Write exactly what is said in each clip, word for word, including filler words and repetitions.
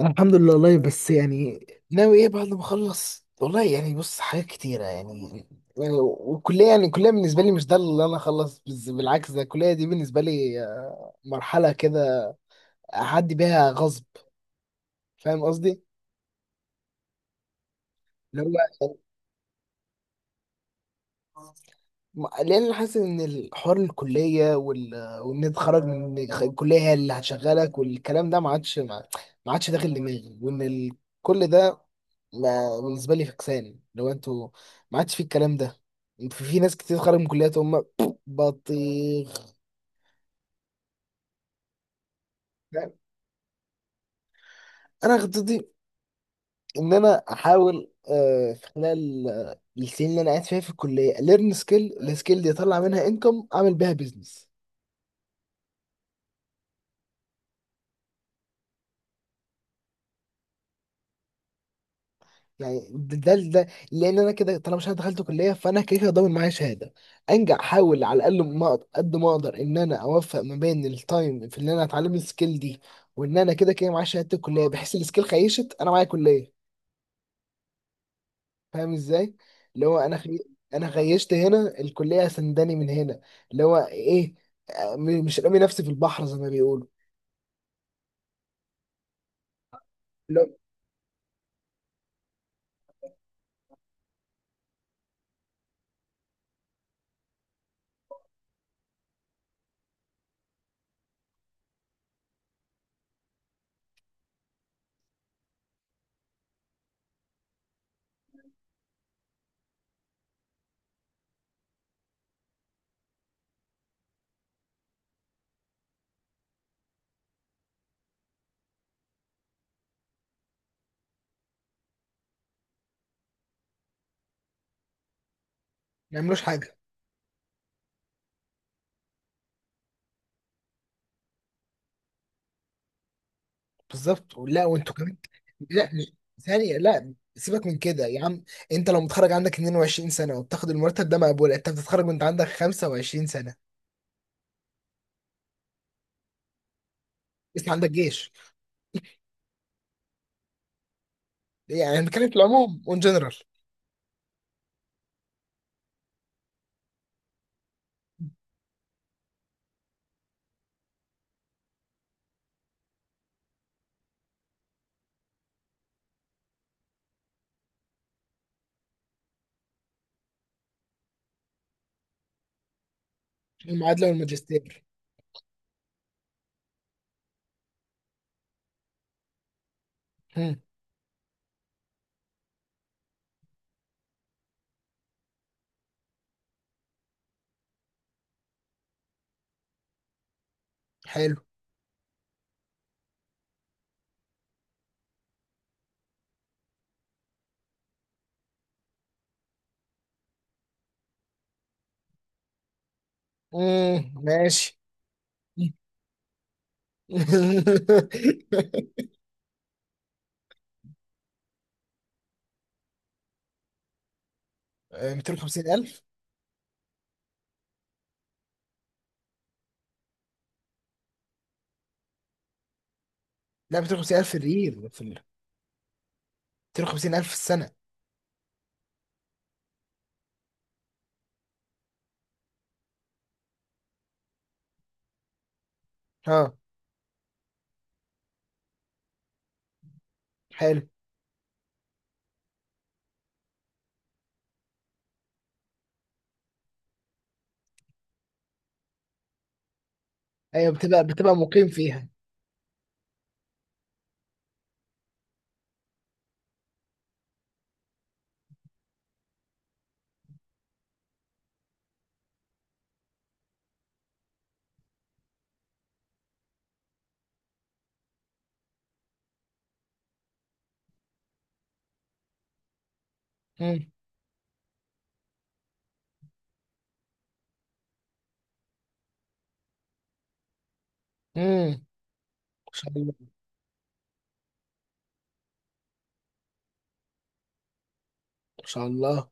الحمد لله والله، بس يعني ناوي ايه بعد ما اخلص؟ والله يعني بص، حاجات كتيرة يعني. يعني والكلية يعني الكلية بالنسبة لي مش ده اللي انا اخلص بز- بالعكس، ده الكلية دي بالنسبة لي آه، مرحلة كده اعدي بيها غصب. فاهم قصدي؟ اللي هو م- لان أنا حاسس ان الحوار الكليه وال... وان انت تخرج من الكليه هي اللي هتشغلك، والكلام ده ما عادش، ما ما عادش داخل دماغي، وان ال... كل ده ما... بالنسبه لي فكسان لو انتوا، ما عادش في الكلام ده. في في ناس كتير خارج من كليات هم بطيخ. انا خطتي ان انا احاول، آه، في خلال آه، السنين اللي انا قاعد فيها في الكليه، ليرن سكيل، السكيل دي اطلع منها انكم اعمل بيها بيزنس. يعني ده ده ده- لان انا كده طالما مش أنا دخلت كليه، فانا كده كده ضامن معايا شهاده، انجح، احاول على الاقل ما أقدر- قد ما اقدر ان انا اوفق ما بين التايم في ان انا اتعلم السكيل دي، وان انا كده كده معايا شهاده الكليه، بحيث السكيل خيشت انا معايا كليه. فاهم ازاي؟ اللي هو انا خي... انا خيشت هنا الكليه سنداني من هنا. اللي هو ايه، آه، م- مش رامي نفسي في البحر زي ما بيقولوا. اللي هو ما يعملوش حاجه. بالظبط. لا، وانتوا كمان. لا م- ثانية، لا سيبك من كده يا عم. انت لو متخرج عندك اتنين وعشرين سنة وبتاخد المرتب ده مقبول؟ انت بتتخرج وانت عندك خمسة وعشرين سنة، لسه عندك جيش. يعني بنتكلم في العموم، اون جنرال. المعادلة والماجستير. هم، حلو. مم. ماشي. مئتين وخمسين ألف. لا مئتين وخمسين ألف ريال، في الريل، في ال مئتين وخمسين ألف في السنة. اه، حلو. ايوه بتبقى بتبقى مقيم فيها. مم. مم. ان شاء الله، ان شاء الله.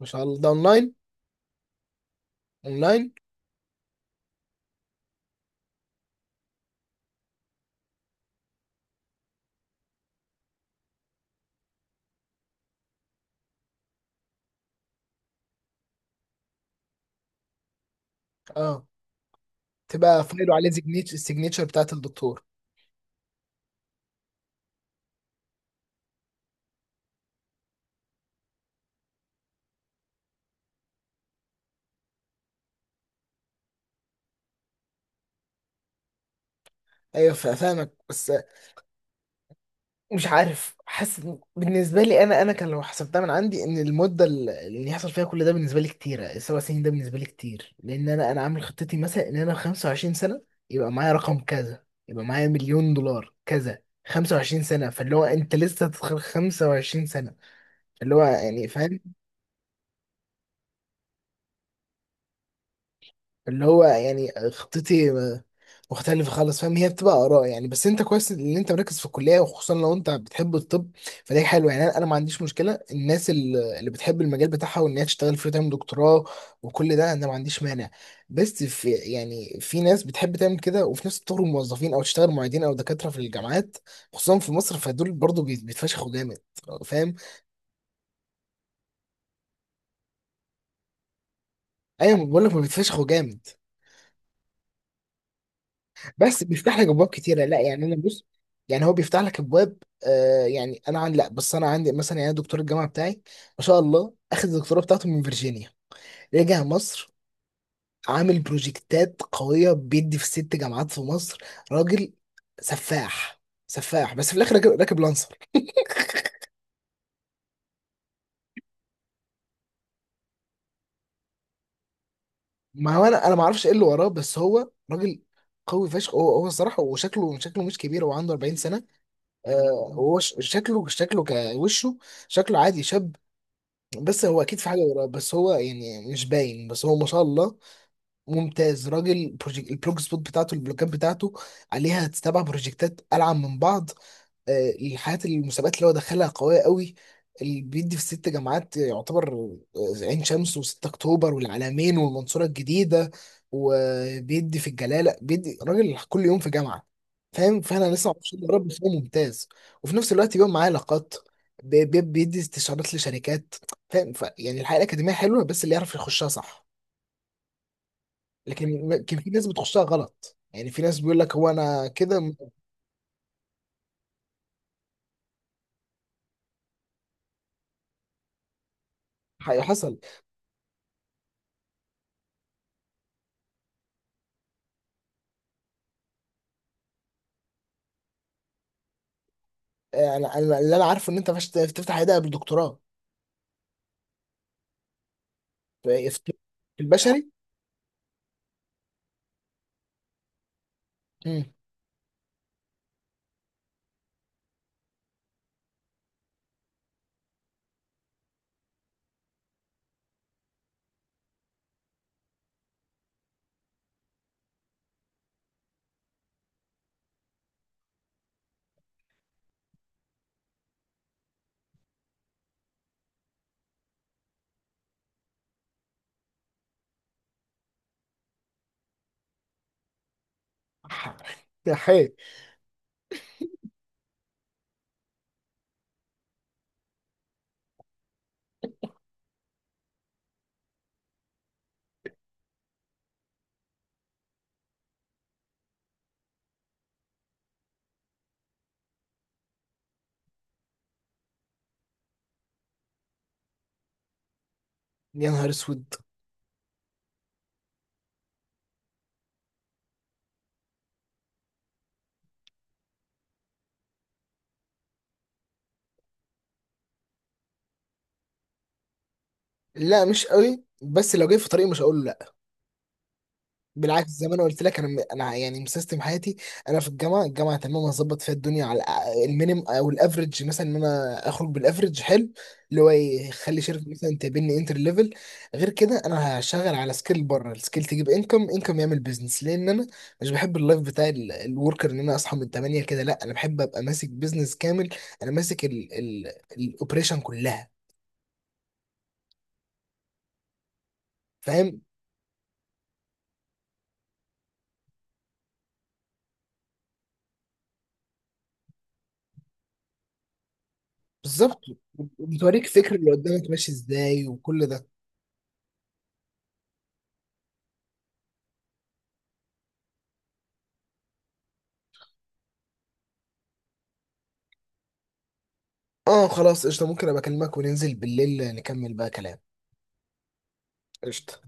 مش على ده اونلاين؟ اونلاين. اه، تبقى فايله عليه سيجنيتشر، السيجنيتشر بتاعت الدكتور. ايوه فا- فاهمك، بس مش عارف. حاسس إن- بالنسبه لي انا، انا كان لو حسبتها من عندي، ان المده ال- اللي يحصل فيها كل ده بالنسبه لي كتيره، السبع سنين ده بالنسبه لي كتير. لان انا انا عامل خطتي مثلا ان انا خمسة وعشرين سنه يبقى معايا رقم كذا، يبقى معايا مليون دولار كذا. خمسة وعشرين سنه، فاللي هو انت لسه هتدخل خمسة وعشرين سنه. اللي هو يعني، فاهم؟ اللي هو يعني خطتي مختلفة خالص، فاهم؟ هي بتبقى آراء يعني، بس أنت كويس إن أنت مركز في الكلية، وخصوصا لو أنت بتحب الطب فده حلو يعني. أنا أنا ما عنديش مشكلة، الناس ال- اللي بتحب المجال بتاعها وإن هي تشتغل فيه وتعمل دكتوراه وكل ده، أنا ما عنديش مانع. بس في يعني في ناس بتحب تعمل كده، وفي ناس تخرج موظفين أو تشتغل معيدين أو دكاترة في الجامعات، خصوصا في مصر، فدول برضه بيت- بيتفشخوا جامد، فاهم؟ أيوة، بقول لك ما بيتفشخوا جامد، بس بيفتح لك ابواب كتيره. لا يعني، انا بص، يعني هو بيفتح لك ابواب. آه يعني انا عندي، لا، بس انا عندي مثلا يعني دكتور الجامعه بتاعي ما شاء الله، اخذ الدكتوراه بتاعته من فيرجينيا، رجع مصر، عامل بروجكتات قويه، بيدي في ست جامعات في مصر. راجل سفاح، سفاح. بس في الاخر راكب راكب لانسر. ما هو انا انا ما اعرفش ايه اللي وراه، بس هو راجل قوي فشخ، هو هو الصراحه. وشكله شكله مش كبير، هو عنده أربعين سنه. آه هو ش- شكله شكله كوشه، شكله عادي شاب. بس هو اكيد في حاجه وراه بس هو يعني مش باين، بس هو ما شاء الله ممتاز. راجل بروجيك، البلوج سبوت بتاعته، البلوكات بتاعته عليها سبع بروجكتات ألعن من بعض. آه، الحاجات، المسابقات اللي هو دخلها قوية قوي. اللي بيدي في ست جامعات، يعتبر آه، عين شمس و6 أكتوبر والعلمين والمنصورة الجديدة، وبيدي في الجلالة. بيدي راجل كل يوم في جامعة، فاهم؟ فأنا لسه مبسوط، يا رب فيه ممتاز. وفي نفس الوقت بيبقى معاه علاقات، بي- بي- بيدي استشارات لشركات، فاهم؟ ف- يعني الحياة الأكاديمية حلوة، بس اللي يعرف يخشها صح. لكن م- كان في ناس بتخشها غلط، يعني في ناس بيقول لك هو انا كده م- حي- حصل. آه، انا أنا- اللي انا عارفه ان انت مش تفتح عيادة قبل الدكتوراه. في في- في البشري. امم. ح- يا حي. يا نهار اسود. لا مش قوي، بس لو جاي في طريق مش هقول له بالعكس. زي ما انا قلت لك انا م- انا يعني مسيستم حياتي. انا في الجامعه، الجامعه تمام، هظبط فيها الدنيا على الأ- المينيم او الافريج، مثلا ان انا اخرج بالافريج حلو، اللي هو يخلي شركه مثلا تقابلني انتر ليفل. غير كده انا هشتغل على سكيل بره، السكيل تجيب انكم انكم يعمل بيزنس، لان انا مش بحب اللايف بتاع ال- الوركر ان انا اصحى من تمانية كده. لا انا بحب ابقى ماسك بيزنس كامل، انا ماسك الاوبريشن كلها، فاهم؟ بالظبط. بتوريك فكر اللي قدامك ماشي ازاي وكل ده. اه خلاص قشطة، ممكن ابقى اكلمك وننزل بالليل نكمل بقى كلام. قشطة.